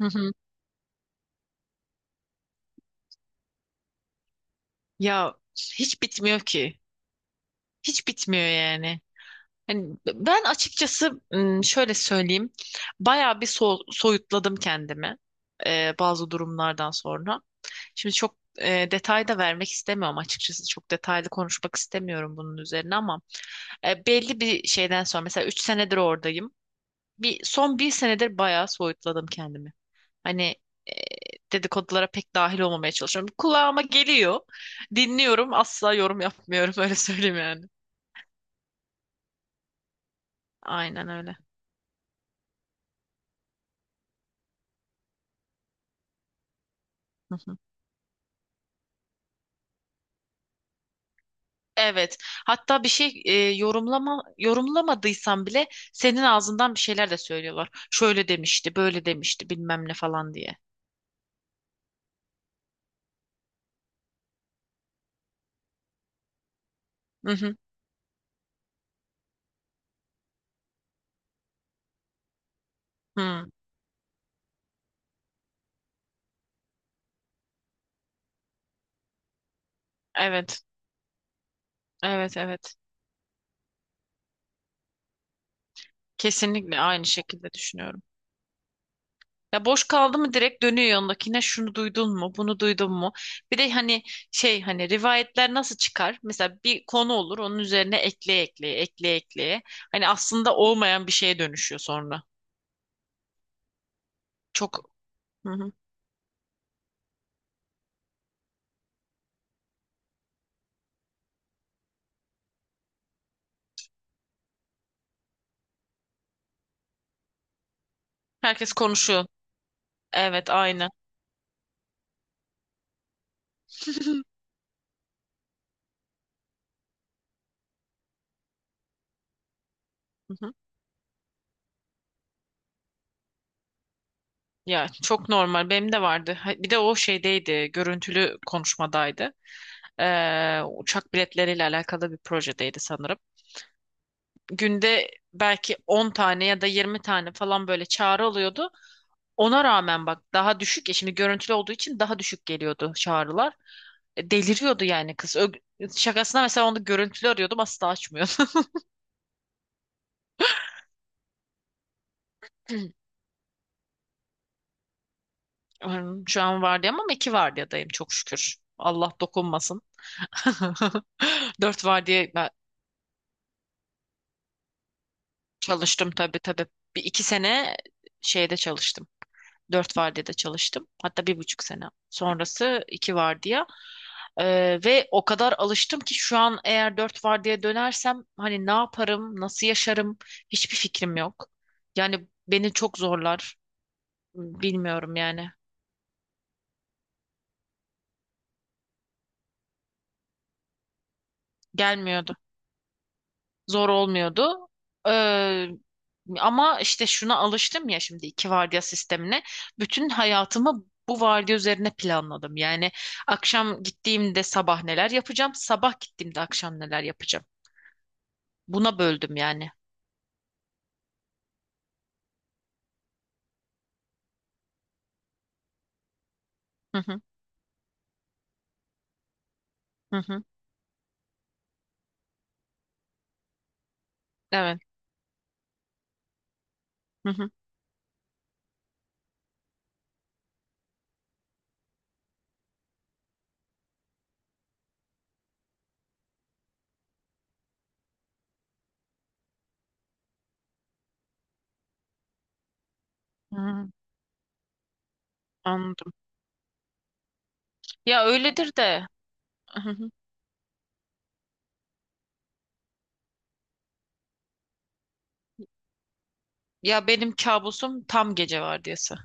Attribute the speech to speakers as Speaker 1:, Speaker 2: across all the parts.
Speaker 1: Hı hı. Ya hiç bitmiyor ki. Hiç bitmiyor yani. Hani ben açıkçası şöyle söyleyeyim. Bayağı bir soyutladım kendimi, bazı durumlardan sonra. Şimdi çok, detay da vermek istemiyorum açıkçası. Çok detaylı konuşmak istemiyorum bunun üzerine ama, belli bir şeyden sonra mesela 3 senedir oradayım. Bir son bir senedir bayağı soyutladım kendimi. Hani e, dedikodulara pek dahil olmamaya çalışıyorum. Kulağıma geliyor. Dinliyorum. Asla yorum yapmıyorum. Öyle söyleyeyim yani. Aynen öyle. Hı hı. Evet. Hatta bir şey yorumlamadıysam bile senin ağzından bir şeyler de söylüyorlar. Şöyle demişti, böyle demişti, bilmem ne falan diye. Hı hı. Hı. Evet. Evet, evet. Kesinlikle aynı şekilde düşünüyorum. Ya boş kaldı mı direkt dönüyor yanındakine, şunu duydun mu, bunu duydun mu? Bir de hani hani rivayetler nasıl çıkar? Mesela bir konu olur, onun üzerine ekleye ekleye ekleye ekleye. Hani aslında olmayan bir şeye dönüşüyor sonra. Çok hı hı. Herkes konuşuyor. Evet aynı. Hı hı. Ya çok normal, benim de vardı. Bir de o şeydeydi, görüntülü konuşmadaydı. Uçak biletleriyle alakalı bir projedeydi sanırım. Günde belki 10 tane ya da 20 tane falan böyle çağrı alıyordu. Ona rağmen bak daha düşük, ya şimdi görüntülü olduğu için daha düşük geliyordu çağrılar. Deliriyordu yani kız. Şakasına mesela onu görüntülü arıyordum, asla açmıyordu. Hmm, şu an vardiyam ama iki vardiyadayım, çok şükür. Allah dokunmasın. Dört vardiya ben çalıştım, tabii tabii. 1 2 sene şeyde çalıştım. Dört vardiyada çalıştım. Hatta 1,5 sene. Sonrası iki vardiya. Ve o kadar alıştım ki şu an eğer dört vardiya dönersem hani ne yaparım, nasıl yaşarım, hiçbir fikrim yok. Yani beni çok zorlar. Bilmiyorum yani. Gelmiyordu. Zor olmuyordu. Ee, Ama işte şuna alıştım ya, şimdi iki vardiya sistemine. Bütün hayatımı bu vardiya üzerine planladım. Yani akşam gittiğimde sabah neler yapacağım, sabah gittiğimde akşam neler yapacağım. Buna böldüm yani. Hı hı, hı hı, evet. Hı hı, hı hı, anladım. Ya öyledir de. Hı hı. Ya benim kabusum tam gece vardiyası.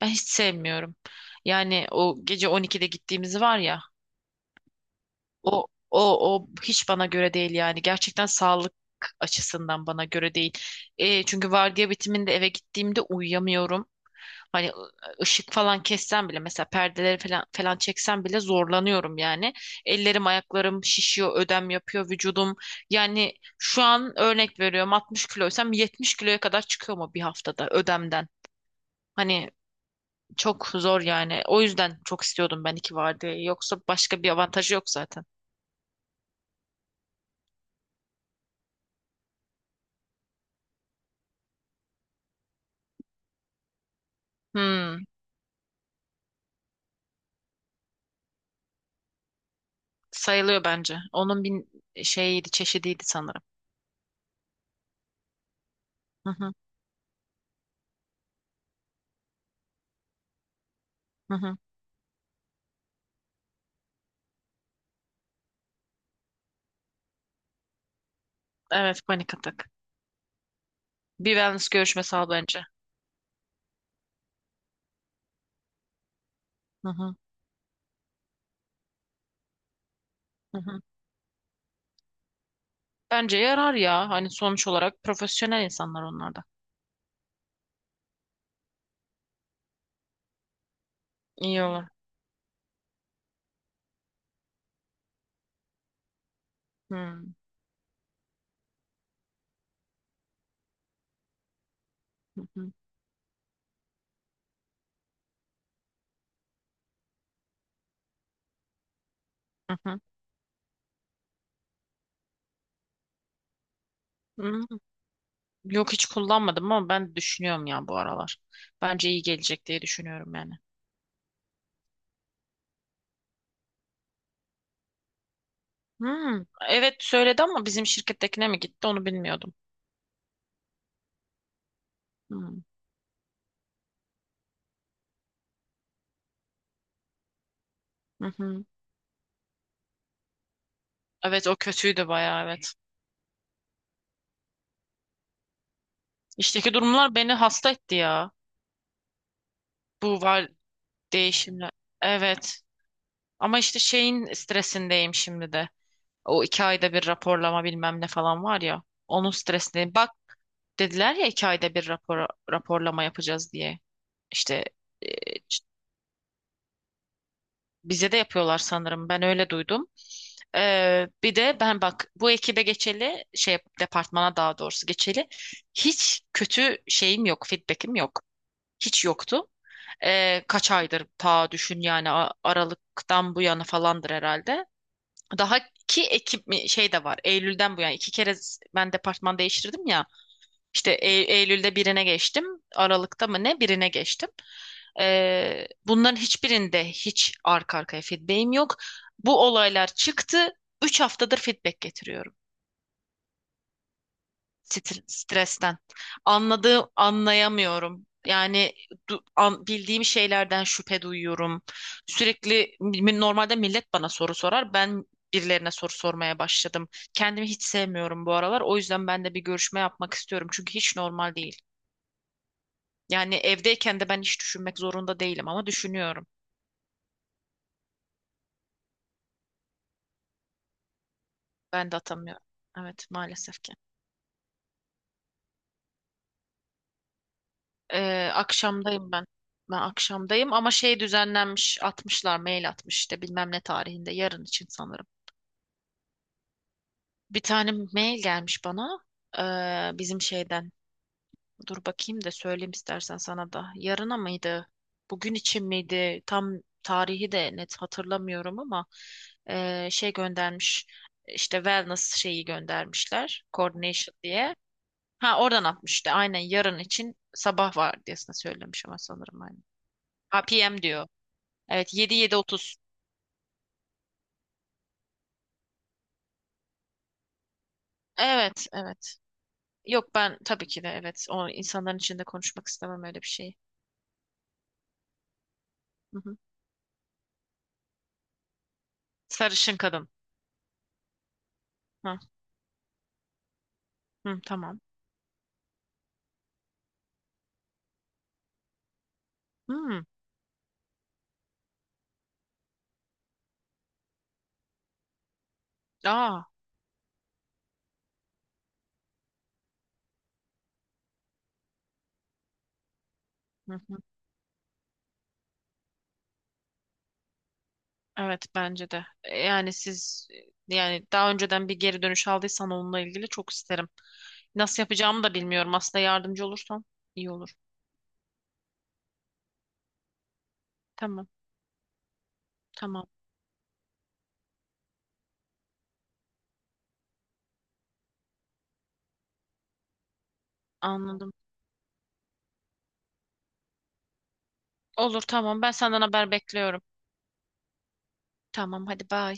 Speaker 1: Ben hiç sevmiyorum. Yani o gece 12'de gittiğimiz var ya. O o O hiç bana göre değil yani. Gerçekten sağlık açısından bana göre değil. E, çünkü vardiya bitiminde eve gittiğimde uyuyamıyorum. Hani ışık falan kessem bile, mesela perdeleri falan çeksem bile zorlanıyorum yani. Ellerim, ayaklarım şişiyor, ödem yapıyor vücudum. Yani şu an örnek veriyorum, 60 kiloysam 70 kiloya kadar çıkıyor mu bir haftada ödemden? Hani çok zor yani. O yüzden çok istiyordum ben iki vardiyayı. Yoksa başka bir avantajı yok zaten. Hmm. Sayılıyor bence. Onun bir şeyiydi, çeşidiydi sanırım. Hı hı, hı hı. Evet, panik atak. Bir wellness görüşmesi al bence. Hı hı, hı hı. Bence yarar ya. Hani sonuç olarak profesyonel insanlar onlar da. İyi olur. Hı hı, hı hı, hı. Hı. Yok, hiç kullanmadım ama ben düşünüyorum ya bu aralar. Bence iyi gelecek diye düşünüyorum yani. Hı. Evet söyledi ama bizim şirkettekine mi gitti onu bilmiyordum. Hı hı. Hı. Evet o kötüydü bayağı, evet. İşteki durumlar beni hasta etti ya. Bu var değişimler. Evet. Ama işte şeyin stresindeyim şimdi de. O iki ayda bir raporlama bilmem ne falan var ya. Onun stresindeyim. Bak dediler ya, iki ayda bir raporlama yapacağız diye. İşte e, ç- bize de yapıyorlar sanırım. Ben öyle duydum. Bir de ben bak, bu ekibe geçeli, şey departmana daha doğrusu geçeli, hiç kötü şeyim yok, feedback'im yok. Hiç yoktu. Kaç aydır, ta düşün yani, Aralık'tan bu yana falandır herhalde. Daha şey de var. Eylül'den bu yana iki kere, ben departman değiştirdim ya. İşte Eylül'de birine geçtim. Aralık'ta mı ne birine geçtim. Bunların hiçbirinde hiç arka arkaya feedback'im yok. Bu olaylar çıktı. 3 haftadır feedback getiriyorum. Stresten. Anladığım, anlayamıyorum. Yani bildiğim şeylerden şüphe duyuyorum. Sürekli normalde millet bana soru sorar. Ben birilerine soru sormaya başladım. Kendimi hiç sevmiyorum bu aralar. O yüzden ben de bir görüşme yapmak istiyorum. Çünkü hiç normal değil. Yani evdeyken de ben hiç düşünmek zorunda değilim ama düşünüyorum. Ben de atamıyorum. Evet, maalesef ki. Akşamdayım ben. Ben akşamdayım ama şey düzenlenmiş, atmışlar, mail atmış, işte bilmem ne tarihinde, yarın için sanırım. Bir tane mail gelmiş bana bizim şeyden. Dur bakayım da söyleyeyim istersen sana da. Yarına mıydı? Bugün için miydi? Tam tarihi de net hatırlamıyorum ama şey göndermiş. İşte wellness şeyi göndermişler. Coordination diye. Ha oradan atmış işte. Aynen yarın için sabah vardiyasına söylemiş ama sanırım, aynen. Ha PM diyor. Evet, 7, 7:30. Evet evet. Yok ben tabii ki de, evet. O insanların içinde konuşmak istemem öyle bir şeyi. Hı hı. Sarışın kadın. Hı, hı, tamam. Hı. Aa. Hı hı. Evet bence de. E, yani siz, yani daha önceden bir geri dönüş aldıysan onunla ilgili çok isterim. Nasıl yapacağımı da bilmiyorum. Aslında yardımcı olursan iyi olur. Tamam. Tamam. Anladım. Olur, tamam. Ben senden haber bekliyorum. Tamam hadi, bye.